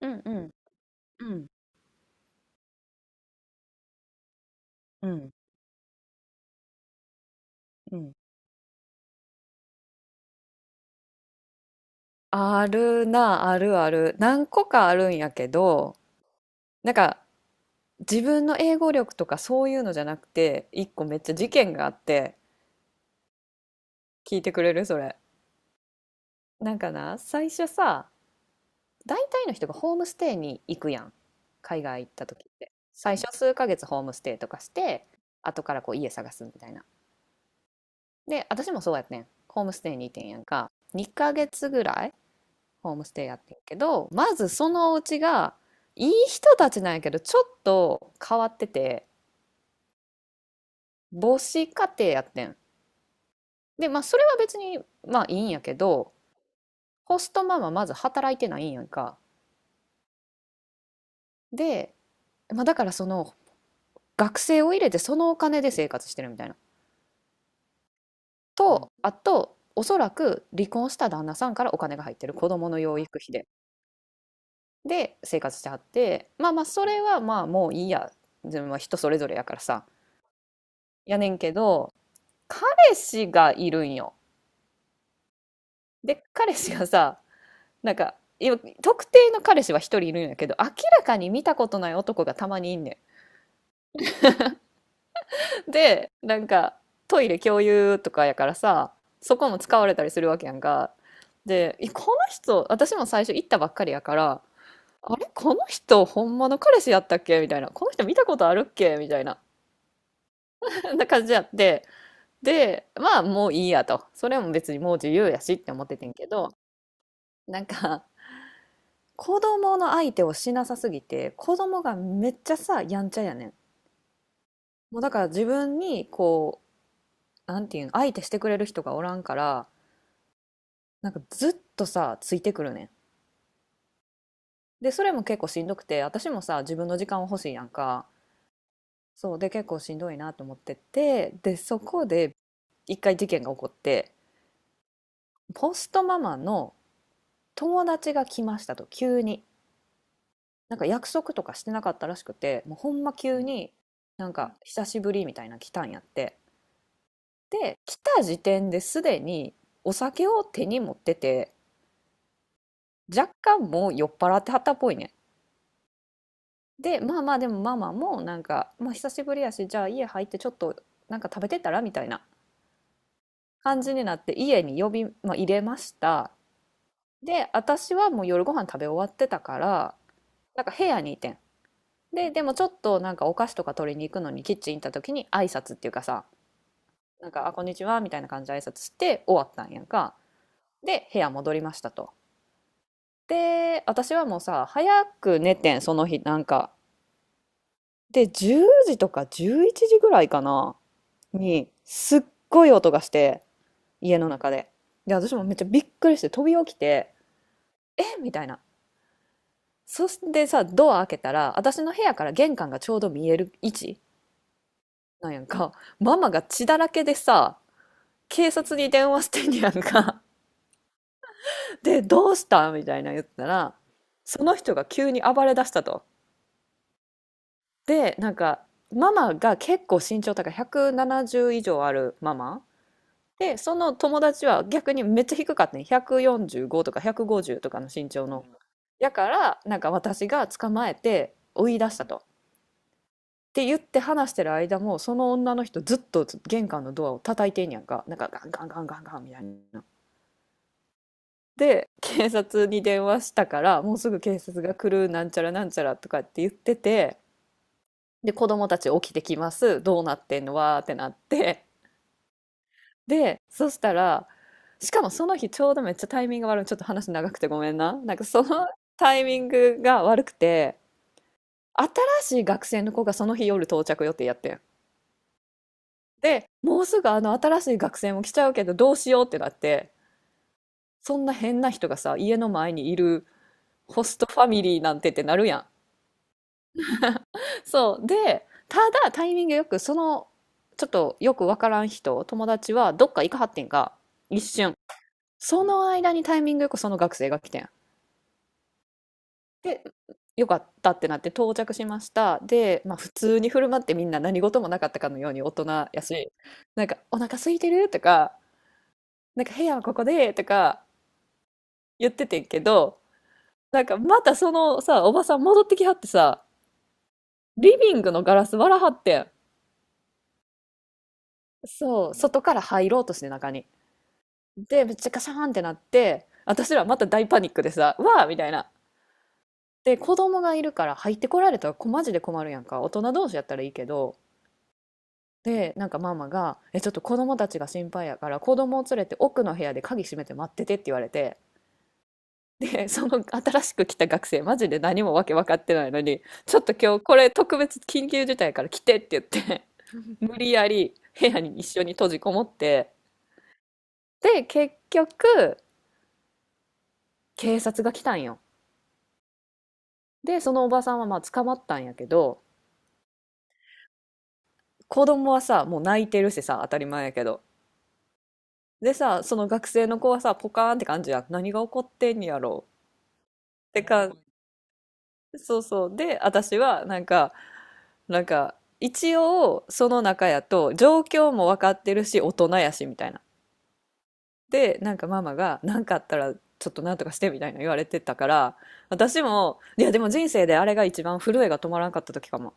うんうんうんうんうん。あるな、あるある、何個かあるんやけど、なんか自分の英語力とかそういうのじゃなくて、一個めっちゃ事件があって。聞いてくれるそれ？なんかな、最初さ、大体の人がホームステイに行くやん。海外行った時って最初数ヶ月ホームステイとかして、後からこう家探すみたいな。で、私もそうやってん、ホームステイにいてんやんか2ヶ月ぐらい。ホームステイやってるけど、まずそのお家が、いい人たちなんやけど、ちょっと変わってて、母子家庭やってん。で、まあ、それは別に、まあ、いいんやけど、ホストママまず働いてないんやんか。で、まあ、だからその、学生を入れてそのお金で生活してるみたいな。と、あと、おそらく離婚した旦那さんからお金が入ってる子供の養育費で。で、生活してはって、まあまあ、それはまあもういいや。自分は人それぞれやからさ。やねんけど、彼氏がいるんよ。で、彼氏がさ、なんか、今特定の彼氏は一人いるんやけど、明らかに見たことない男がたまにいんねん。で、なんか、トイレ共有とかやからさ、そこも使われたりするわけやんか。で、えこの人、私も最初行ったばっかりやから、あれこの人、ほんまの彼氏やったっけみたいな。この人見たことあるっけみたいな。な感じやって。で、まあもういいやと。それも別にもう自由やしって思っててんけど、なんか、子供の相手をしなさすぎて、子供がめっちゃさ、やんちゃやねん。もうだから自分に、こう、なんていうの、相手してくれる人がおらんから、なんかずっとさ、ついてくるねん。で、それも結構しんどくて、私もさ、自分の時間を欲しいやんか。そう、で、結構しんどいなと思ってて、で、そこで一回事件が起こって、ポストママの友達が来ましたと、急に。なんか約束とかしてなかったらしくて、もうほんま急に、なんか久しぶりみたいな来たんやって。で、来た時点ですでにお酒を手に持ってて、若干もう酔っ払ってはったっぽいね。で、まあまあでもママもなんか、まあ久しぶりやし、じゃあ家入ってちょっとなんか食べてたらみたいな感じになって家に呼び、まあ、入れました。で、私はもう夜ご飯食べ終わってたから、なんか部屋にいてん。で、でもちょっとなんかお菓子とか取りに行くのにキッチン行った時に挨拶っていうかさ、なんか、あ、こんにちはみたいな感じで挨拶して終わったんやんか。で、部屋戻りましたと。で、私はもうさ、早く寝てん、その日、なんか。で、10時とか11時ぐらいかな、に、すっごい音がして、家の中で。で、私もめっちゃびっくりして飛び起きて、えみたいな。そしてさ、ドア開けたら、私の部屋から玄関がちょうど見える位置なんやんか。ママが血だらけでさ、警察に電話してんやんか。で、どうしたみたいな言ったら、その人が急に暴れ出したと。でなんかママが結構身長高い170以上あるママで、その友達は逆にめっちゃ低かったね、145とか150とかの身長のやからなんか私が捕まえて追い出したと。って言って話してる間もその女の人ずっと玄関のドアを叩いてんやんか、なんかガンガンガンガンガンみたいな。で警察に電話したからもうすぐ警察が来るなんちゃらなんちゃらとかって言ってて、で子供たち起きてきます、どうなってんのわーってなって、で、そしたら、しかもその日ちょうどめっちゃタイミング悪い。ちょっと話長くてごめんな。なんかそのタイミングが悪くて、新しい学生の子がその日夜到着予定やってん。で、もうすぐあの新しい学生も来ちゃうけどどうしようってなって、そんな変な人がさ、家の前にいるホストファミリーなんてってなるやん。そう。で、ただタイミングよくその、ちょっとよくわからん人、友達はどっか行かはってんか一瞬。その間にタイミングよくその学生が来てん。で、よかったってなって到着しました。で、まあ普通に振る舞って、みんな何事もなかったかのように大人やし、なんかお腹空いてるとか、なんか部屋はここでとか言っててんけど、なんかまたそのさ、おばさん戻ってきはってさ、リビングのガラス割らはってん。そう、外から入ろうとして中に。で、めっちゃカシャーンってなって、私らまた大パニックでさ、わーみたいな。で、子供がいるから入ってこられたらこマジで困るやんか。大人同士やったらいいけど、で、なんかママが、え、ちょっと子供たちが心配やから、子供を連れて奥の部屋で鍵閉めて待っててって言われて、で、その新しく来た学生、マジで何もわけ分かってないのに、ちょっと今日これ特別緊急事態やから来てって言って 無理やり部屋に一緒に閉じこもって、で、結局、警察が来たんよ。で、そのおばさんはまあ捕まったんやけど、子供はさ、もう泣いてるしさ、当たり前やけど。でさ、その学生の子はさ、ポカーンって感じや、何が起こってんやろう。ってか、そうそう。で、私は、なんか、なんか、一応、その中やと、状況も分かってるし、大人やし、みたいな。で、なんかママが、なんかあったら、ちょっとなんとかして、みたいな言われてたから、私も、いや、でも人生であれが一番震えが止まらんかった時かも。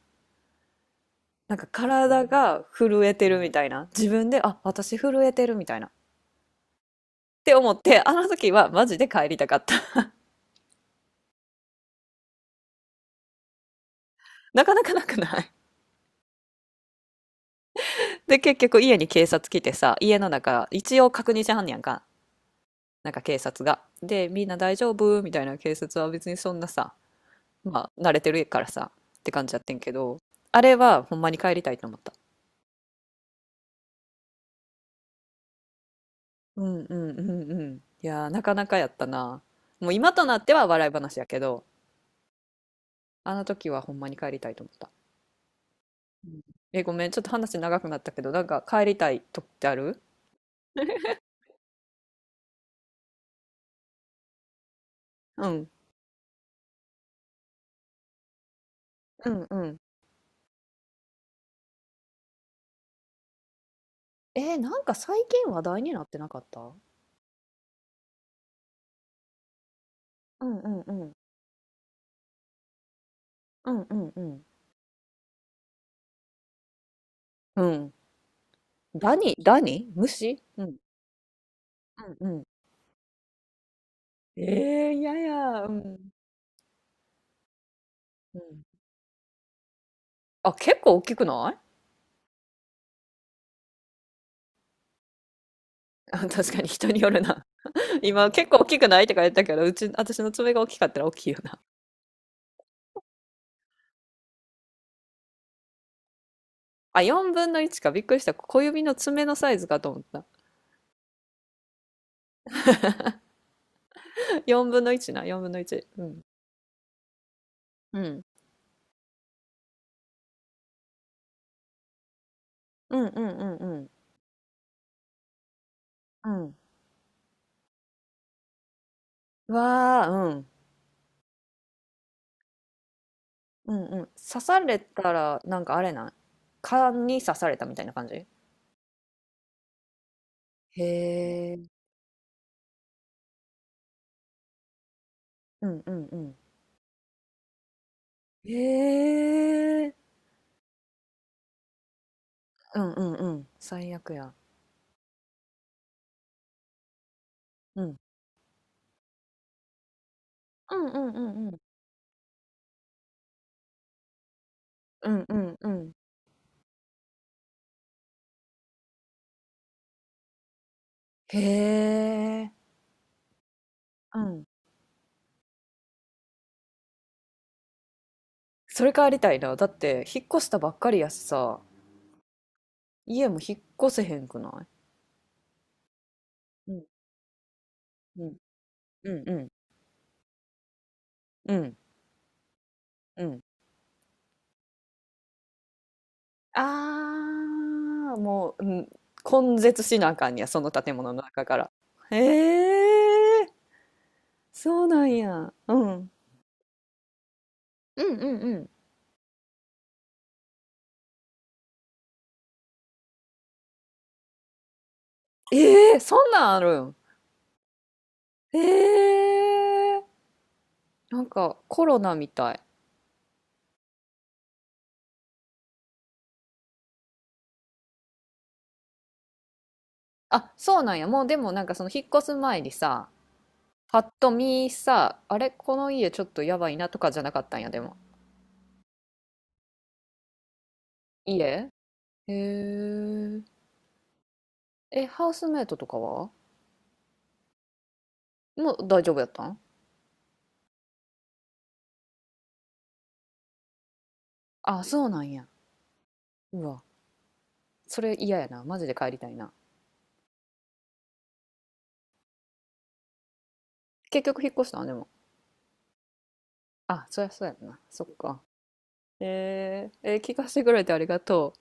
なんか体が震えてるみたいな。自分で、あ、私震えてるみたいな。って思って、あの時はマジで帰りたかった。なかなかなくない？ で、結局家に警察来てさ、家の中、一応確認しはんねやんか。なんか警察が。で、みんな大丈夫みたいな、警察は別にそんなさ、まあ慣れてるからさ、って感じやってんけど、あれはほんまに帰りたいと思った。うんうんうんうん。いやー、なかなかやったな。もう今となっては笑い話やけど、あの時はほんまに帰りたいと思った。うん。え、ごめん、ちょっと話長くなったけど、なんか帰りたい時ってある？うん。うんうん。えー、なんか最近話題になってなかった？うんうんうん。うんうんうん。うん。ダニダニ虫、うん。うんうん。ええ、いやいや。うん。うん。あ、結構大きくない？あ、確かに人によるな。今結構大きくないとか言ったけど、うち、私の爪が大きかったら大きいよな。あ、4分の1か。びっくりした。小指の爪のサイズかと思った。4分の1な、4分の1。うん。うん。うんうんうんうん。うん。わあ、うん。うんうん。刺されたら、なんかあれない？蚊に刺されたみたいな感じ？へえ。うんうんうん。へえ。うんうんうん。最悪や。うん。うんうんうんうん。うんうんうん。へえ。うん。それ帰りたいな。だって、引っ越したばっかりやしさ、家も引っ越せへんくない？うん。うん。うんうんうんうん。ああ、もう、うん。根絶しなあかんねや、その建物の中から。へえ、そうなんや。うん。うんうんうん。ええ、そんなんあるん？ええ、なんかコロナみたい。あ、そうなんや。もうでもなんかその引っ越す前にさ、パッと見さ、あれ、この家ちょっとやばいなとかじゃなかったんや、でも。家、へえ。え、ハウスメイトとかは？もう大丈夫やったん？あ、そうなんや。うわ、それ嫌やな。マジで帰りたいな。結局引っ越したんでも？あ、そりゃそうやんな。そっか。聞かせてくれてありがとう。